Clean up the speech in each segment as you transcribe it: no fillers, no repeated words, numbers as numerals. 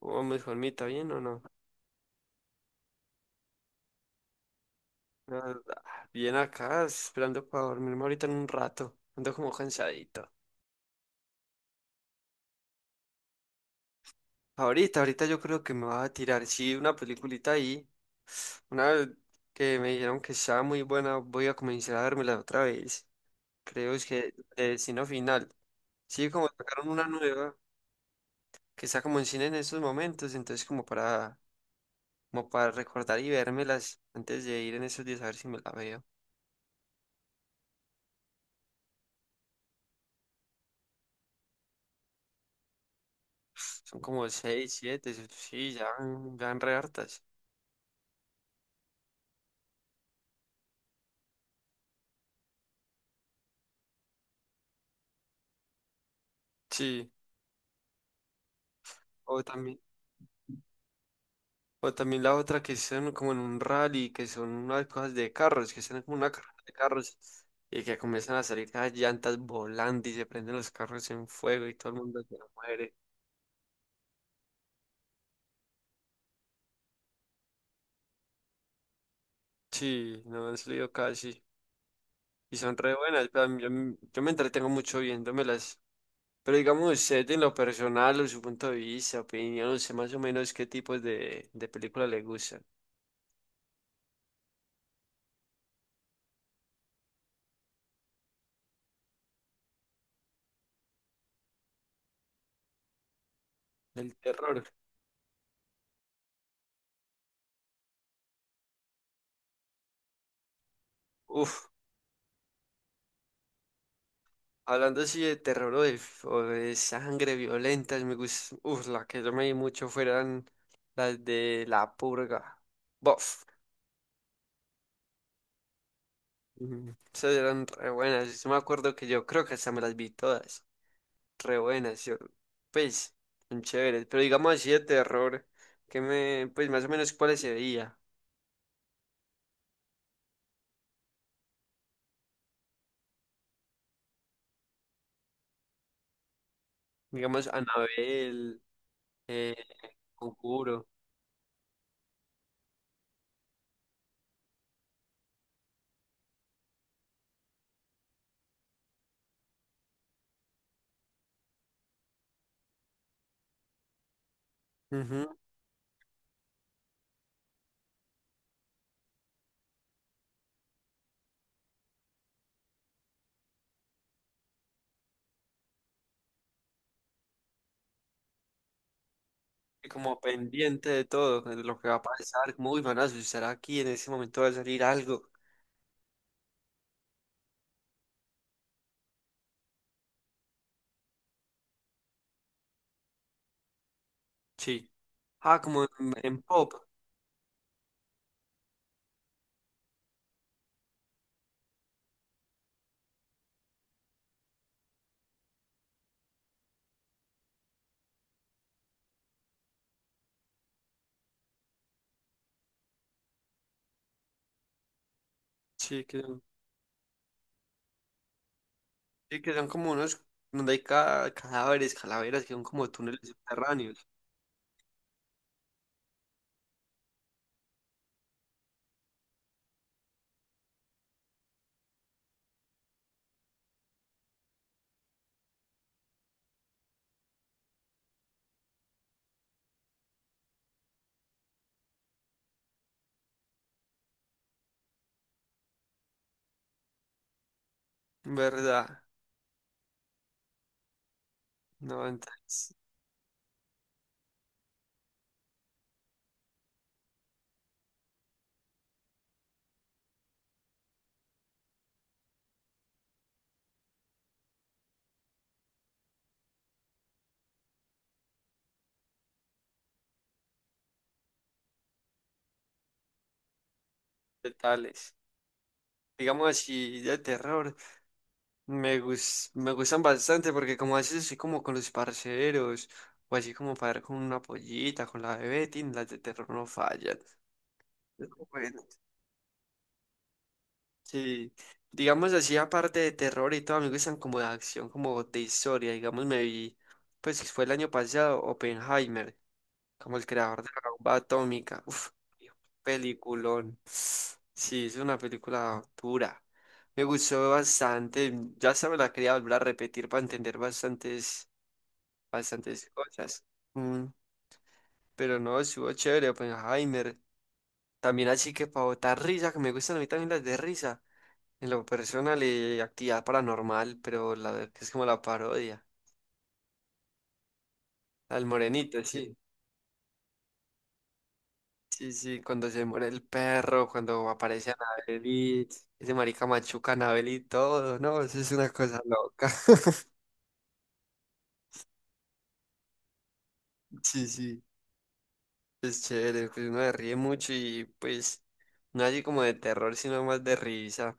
Oh, mi Juanmita, ¿bien o no? Ah, ah, bien acá, esperando para dormirme ahorita en un rato. Ando como cansadito. Ahorita yo creo que me va a tirar, sí, una peliculita ahí. Una que me dijeron que estaba muy buena, voy a comenzar a vérmela otra vez. Creo es que de Destino Final. Sí, como sacaron una nueva que está como en cine en estos momentos, entonces como para, como para recordar y vérmelas antes de ir en esos días a ver si me la veo. Son como seis, siete, sí, ya, ya en re hartas. Sí, o también, o también la otra que están como en un rally, que son unas cosas de carros, que están como una carrera de carros, y que comienzan a salir las llantas volando y se prenden los carros en fuego y todo el mundo se muere. Sí, no han salido casi. Y son re buenas, pero a mí- yo, m- yo me entretengo mucho viéndomelas. Pero digamos usted en lo personal, o su punto de vista, opinión, no sé más o menos qué tipos de películas le gustan. Del terror. Uf. Hablando así de terror o de sangre violenta, me gusta, uf, la que yo me vi mucho fueran las de La Purga. Bof. Ujú. Esas eran re buenas. Yo sí me acuerdo que yo creo que hasta me las vi todas. Re buenas, yo, pues, son chéveres. Pero digamos así de terror, que me, pues más o menos cuáles se veía. Digamos Anabel, eh, Conjuro. Ujú, y como pendiente de todo, de lo que va a pasar, como, uy, van a asustar aquí, en ese momento va a salir algo. Sí. Ah, como en pop. Sí, que son, sí, que son como unos donde hay cadáveres, calaveras, que son como túneles subterráneos. ¿Verdad? No, entonces, tales. Digamos así, de terror. Me gustan bastante porque como haces así como con los parceros, o así como para ver con una pollita, con la bebé, tin, las de terror no fallan. Es como bueno. Sí, digamos así, aparte de terror y todo, a mí me gustan como de acción, como de historia. Digamos, me vi, pues fue el año pasado, Oppenheimer, como el creador de la bomba atómica. Uf, peliculón. Sí, es una película dura. Me gustó bastante. Ya se me la quería volver a repetir para entender bastantes cosas. Mm, pero no, estuvo chévere, Oppenheimer. También así que para botar risa, que me gustan a mí también las de risa. En lo personal y actividad paranormal, pero la verdad que es como la parodia. Al morenito, sí. Sí, sí, cuando se muere el perro, cuando aparece Anabel y ese marica machuca a Anabel y todo, no, eso es una cosa loca. Sí, sí, es chévere, pues uno se ríe mucho y pues no así como de terror, sino más de risa.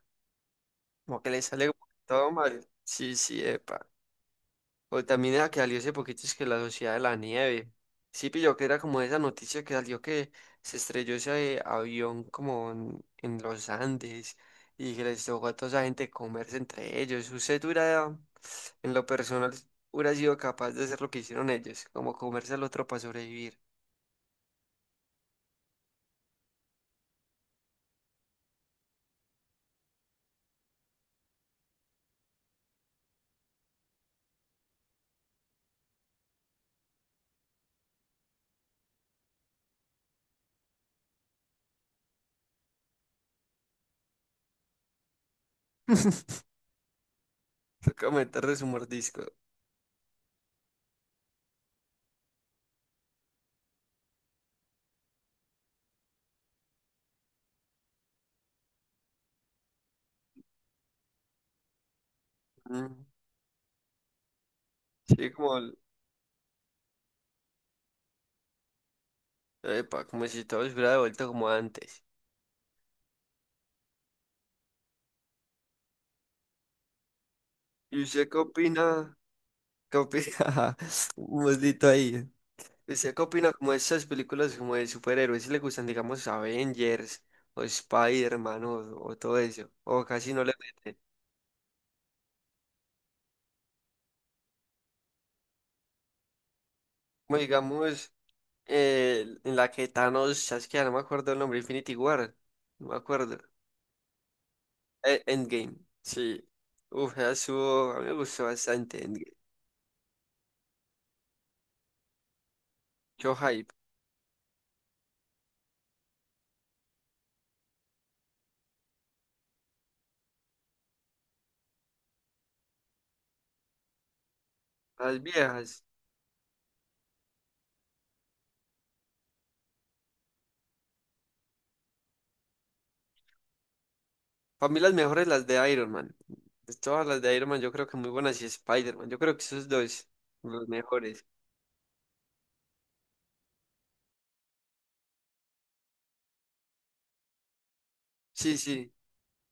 Como que le sale todo mal. Sí, sí, epa. O también era que salió hace poquito es que la Sociedad de la Nieve. Sí, pilló que era como esa noticia que salió que se estrelló ese avión como en los Andes y que les tocó a toda esa gente comerse entre ellos. Usted hubiera, en lo personal, hubiera sido capaz de hacer lo que hicieron ellos, como comerse al otro para sobrevivir. Toca meterle su mordisco. Mm, sí, como, epa, como si todo se hubiera devuelto como antes. ¿Y usted qué opina? ¿Qué opina? Un moslito ahí. ¿Usted qué opina como de estas películas como de superhéroes? Si le gustan, digamos, Avengers o Spider-Man o todo eso, o casi no le mete. Como digamos, en la que Thanos chasquea, no me acuerdo el nombre, Infinity War, no me acuerdo. Endgame, sí. Uf, esa estuvo- a mí me gustó bastante Endgame. Yo hype. Las viejas. Para mí las mejores las de Iron Man. Pues todas las de Iron Man yo creo que muy buenas y Spider-Man. Yo creo que esos dos, los mejores. Sí, sí.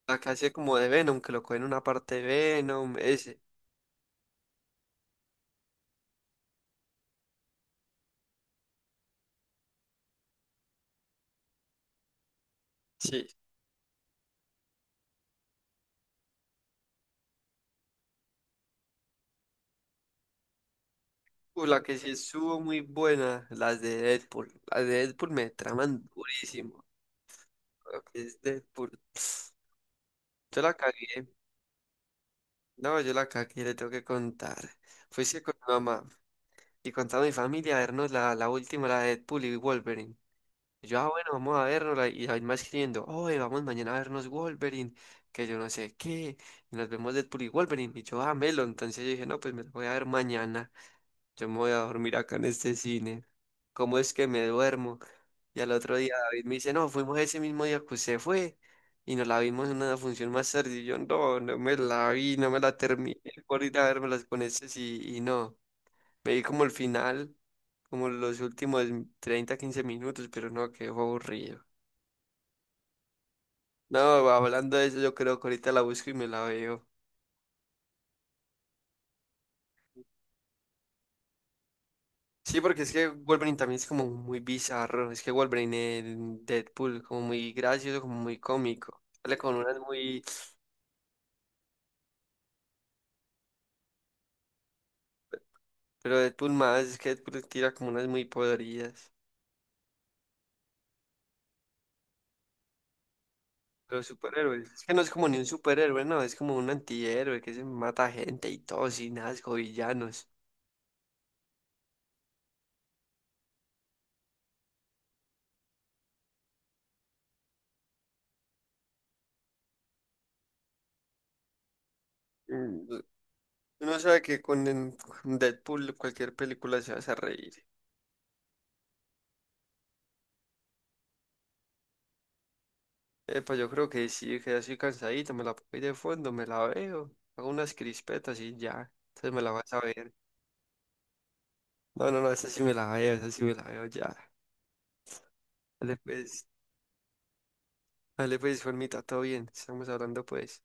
La que hace como de Venom, que lo coge en una parte de Venom, ese. Sí. La que sí estuvo muy buena, las de Deadpool. Las de Deadpool me traman durísimo. Lo que es Deadpool. Yo la cagué. No, yo la cagué, le tengo que contar. Fuiste con mi mamá y con toda mi familia a vernos la última, la de Deadpool y Wolverine. Y yo, ah, bueno, vamos a vernos. Y ahí más escribiendo, oye, vamos mañana a vernos Wolverine, que yo no sé qué. Y nos vemos Deadpool y Wolverine. Y yo, ah, Melo. Entonces yo dije, no, pues me lo voy a ver mañana. Yo me voy a dormir acá en este cine. ¿Cómo es que me duermo? Y al otro día David me dice, no, fuimos ese mismo día que usted fue y nos la vimos en una función más tarde. Y yo, no, no me la vi, no me la terminé por ir a vermelas con estos y no. Me vi como el final, como los últimos 30 15 minutos, pero no, quedó aburrido. No, hablando de eso, yo creo que ahorita la busco y me la veo. Sí, porque es que Wolverine también es como muy bizarro. Es que Wolverine en Deadpool, como muy gracioso, como muy cómico. Sale con unas muy. Pero Deadpool más, es que Deadpool tira como unas muy podridas. Los superhéroes. Es que no es como ni un superhéroe, no. Es como un antihéroe que se mata gente y todo, sin asco, villanos. Mm, uno sabe que con con Deadpool cualquier película se hace reír. Pues yo creo que sí, que ya estoy cansadito, me la pongo ahí de fondo, me la veo, hago unas crispetas y ya. Entonces me la vas a ver. No, no, no, esa sí me la veo, esa sí me la veo ya. Dale pues, dale pues, Juanmita, todo bien, estamos hablando pues.